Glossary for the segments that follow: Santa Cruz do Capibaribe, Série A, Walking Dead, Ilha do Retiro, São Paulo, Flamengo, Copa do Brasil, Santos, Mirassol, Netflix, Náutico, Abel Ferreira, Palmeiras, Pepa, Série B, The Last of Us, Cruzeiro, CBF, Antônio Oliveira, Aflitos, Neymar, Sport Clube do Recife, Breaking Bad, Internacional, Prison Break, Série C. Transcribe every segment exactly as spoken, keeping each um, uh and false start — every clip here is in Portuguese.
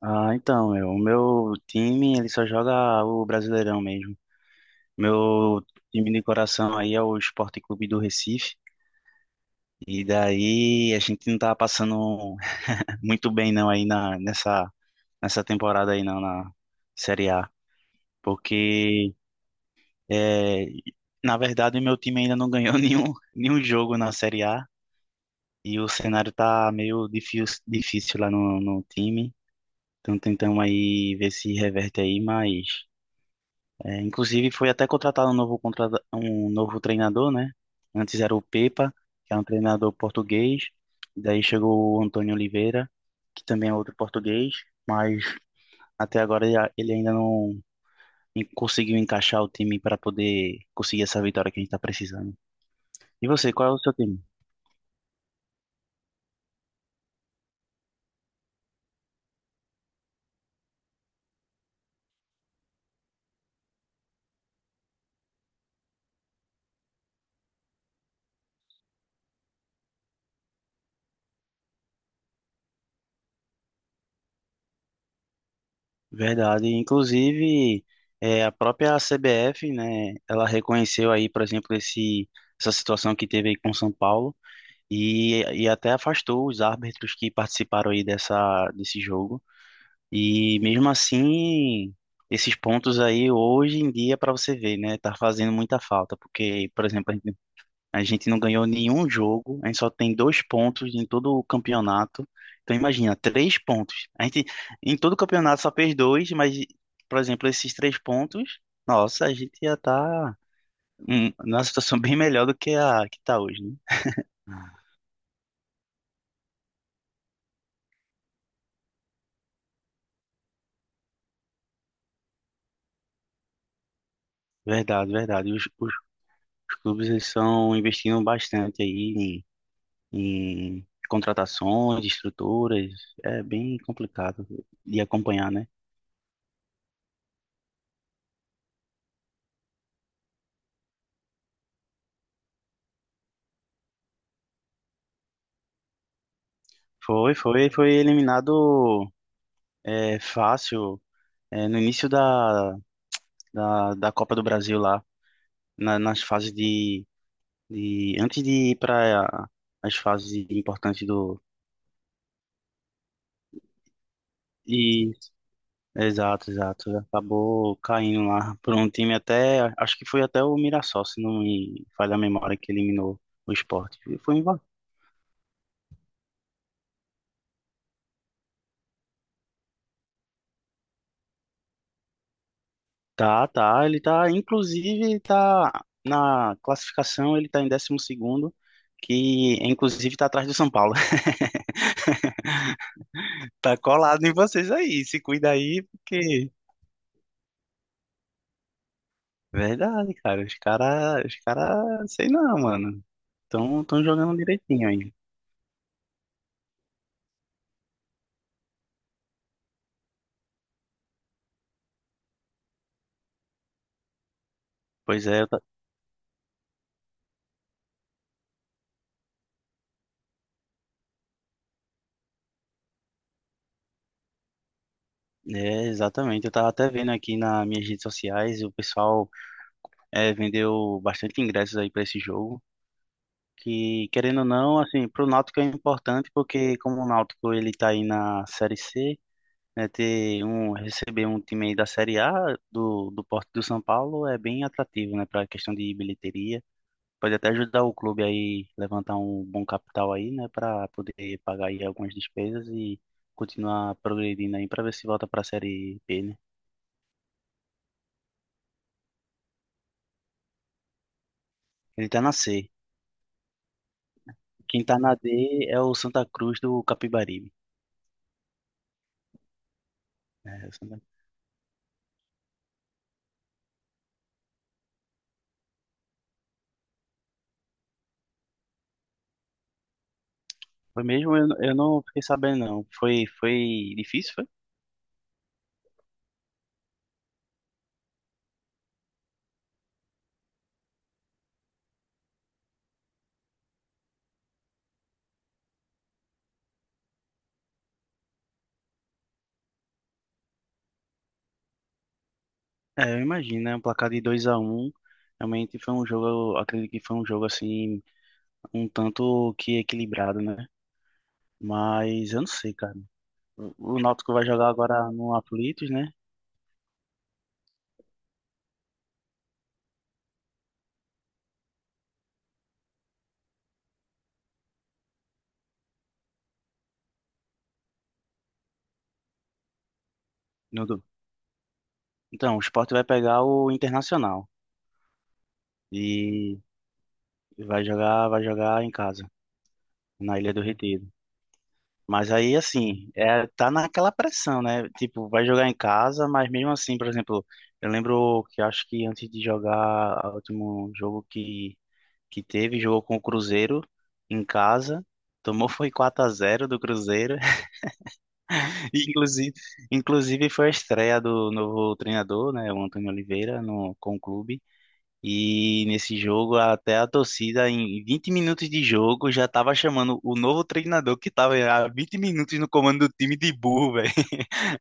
Ah, então, meu, o meu time, ele só joga o Brasileirão mesmo. Meu time de coração aí é o Sport Clube do Recife. E daí a gente não tá passando muito bem não aí na, nessa, nessa temporada aí não, na Série A. Porque, é, na verdade, o meu time ainda não ganhou nenhum, nenhum jogo na Série A. E o cenário tá meio difícil, difícil lá no, no time. Então tentamos aí ver se reverte aí, mas. É, inclusive foi até contratado um novo, contrata- um novo treinador, né? Antes era o Pepa, que era um treinador português. Daí chegou o Antônio Oliveira, que também é outro português, mas até agora ele a- ele ainda não en- conseguiu encaixar o time para poder conseguir essa vitória que a gente está precisando. E você, qual é o seu time? Verdade. Inclusive, é, a própria C B F, né? Ela reconheceu aí, por exemplo, esse, essa situação que teve aí com o São Paulo. E, e até afastou os árbitros que participaram aí dessa, desse jogo. E mesmo assim, esses pontos aí hoje em dia, para você ver, né, tá fazendo muita falta, porque, por exemplo, a gente a gente não ganhou nenhum jogo, a gente só tem dois pontos em todo o campeonato. Então imagina, três pontos. A gente em todo o campeonato só fez dois, mas, por exemplo, esses três pontos, nossa, a gente ia estar tá, hum, numa situação bem melhor do que a que tá hoje, né? Verdade, verdade. Os, Os clubes eles são investindo bastante aí em, em contratações, estruturas. É bem complicado de acompanhar, né? Foi, foi, foi eliminado, é, fácil, é, no início da, da, da Copa do Brasil lá, na- nas fases de, de antes de ir para as fases importantes do. Exato, exato. Acabou caindo lá por um time até, acho que foi até o Mirassol, se não me falha a memória, que eliminou o Sport. Foi em va-. Tá, tá, ele tá, inclusive, ele tá na classificação, ele tá em décimo segundo, que inclusive tá atrás do São Paulo. Tá colado em vocês aí, se cuida aí, porque. Verdade, cara, os cara, os cara, sei não, mano, tão, tão jogando direitinho aí. Pois é, eu. É, exatamente. Eu tava até vendo aqui nas minhas redes sociais, o pessoal eh, vendeu bastante ingressos aí para esse jogo, que querendo ou não, assim, pro Náutico é importante porque como o Náutico ele tá aí na Série C, né, ter um receber um time aí da Série A do do Porto do São Paulo é bem atrativo, né, para questão de bilheteria. Pode até ajudar o clube aí levantar um bom capital aí, né, para poder pagar aí algumas despesas e continuar progredindo aí para ver se volta para a Série B, né? Ele tá na C. Quem tá na D é o Santa Cruz do Capibaribe. É, o Santa-. Foi mesmo? Eu, eu não fiquei sabendo, não. Foi, foi difícil, foi? É, eu imagino, né? Um placar de dois a um. Realmente foi um jogo, eu acredito que foi um jogo assim, um tanto que equilibrado, né? Mas eu não sei, cara. O o Náutico vai jogar agora no Aflitos, né? No, então, o Sport vai pegar o Internacional e vai jogar, vai jogar em casa, na Ilha do Retiro. Mas aí, assim, é, tá naquela pressão, né? Tipo, vai jogar em casa, mas mesmo assim, por exemplo, eu lembro que acho que antes de jogar o último jogo que, que teve, jogou com o Cruzeiro em casa, tomou foi quatro a zero do Cruzeiro. E, inclusive, inclusive foi a estreia do novo treinador, né, o Antônio Oliveira, no, com o clube. E nesse jogo, até a torcida, em vinte minutos de jogo, já tava chamando o novo treinador que tava há vinte minutos no comando do time de burro, velho.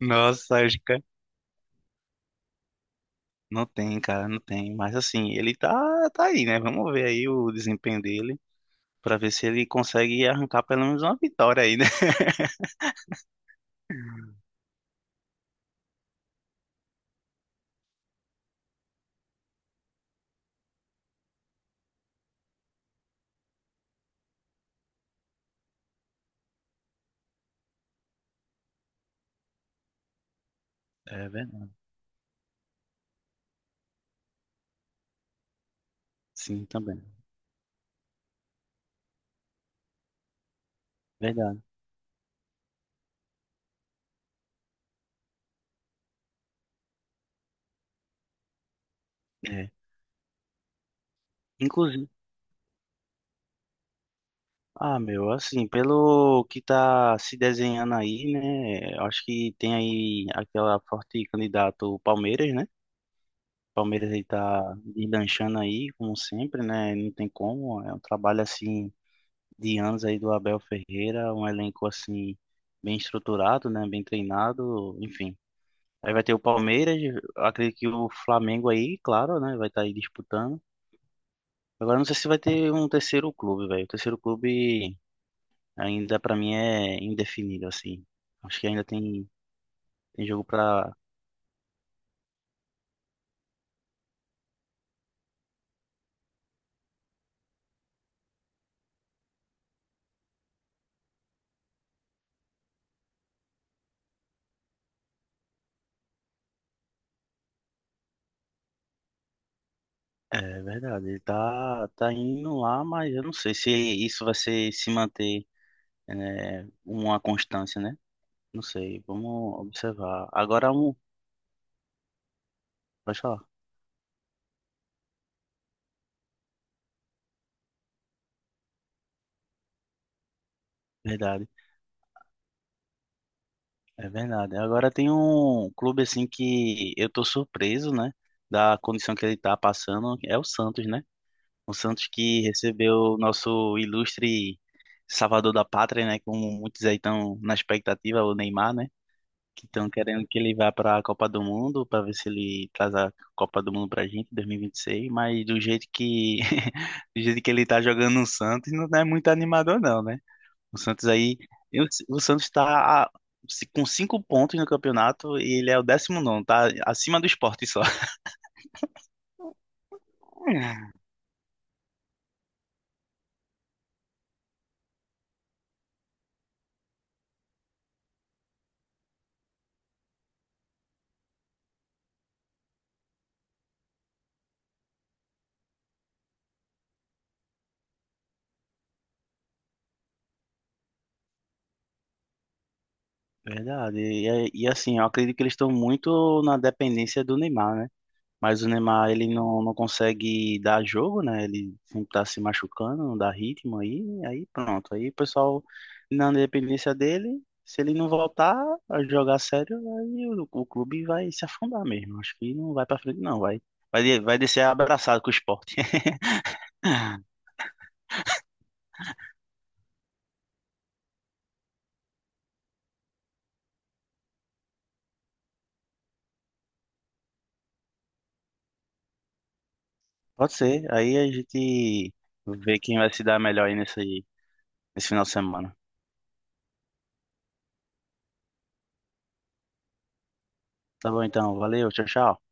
Nossa, acho que não tem, cara, não tem. Mas assim, ele tá, tá aí, né? Vamos ver aí o desempenho dele, pra ver se ele consegue arrancar pelo menos uma vitória aí, né? É verdade. Sim, também. Verdade. É. Inclusive. Ah, meu, assim, pelo que tá se desenhando aí, né? Eu acho que tem aí aquela forte candidato o Palmeiras, né? Palmeiras aí tá deslanchando aí, como sempre, né? Não tem como. É um trabalho assim de anos aí do Abel Ferreira, um elenco assim bem estruturado, né? Bem treinado, enfim. Aí vai ter o Palmeiras, eu acredito que o Flamengo aí, claro, né? Vai estar aí disputando. Agora não sei se vai ter um terceiro clube, velho. O terceiro clube ainda pra mim é indefinido, assim. Acho que ainda tem, tem jogo pra. É verdade, ele tá, tá indo lá, mas eu não sei se isso vai ser, se manter, né, uma constância, né? Não sei, vamos observar. Agora um. Pode falar. Verdade, é verdade. Agora tem um clube assim que eu tô surpreso, né? Da condição que ele tá passando, é o Santos, né? O Santos que recebeu o nosso ilustre salvador da pátria, né? Como muitos aí estão na expectativa, o Neymar, né? Que estão querendo que ele vá para a Copa do Mundo, para ver se ele traz a Copa do Mundo para a gente em dois mil e vinte e seis. Mas do jeito que, do jeito que ele está jogando no Santos, não é muito animador, não, né? O Santos aí. eu- O Santos está com cinco pontos no campeonato e ele é o décimo nono, tá acima do Sport só. Verdade. E, é, e assim, eu acredito que eles estão muito na dependência do Neymar, né? Mas o Neymar, ele não, não consegue dar jogo, né? Ele sempre tá se machucando, não dá ritmo aí, aí pronto. Aí o pessoal, na dependência dele, se ele não voltar a jogar sério, aí o, o clube vai se afundar mesmo. Acho que não vai pra frente, não. Vai, vai, de- vai descer abraçado com o esporte. Pode ser. Aí a gente vê quem vai se dar melhor aí nesse, nesse final de semana. Tá bom, então. Valeu, tchau, tchau.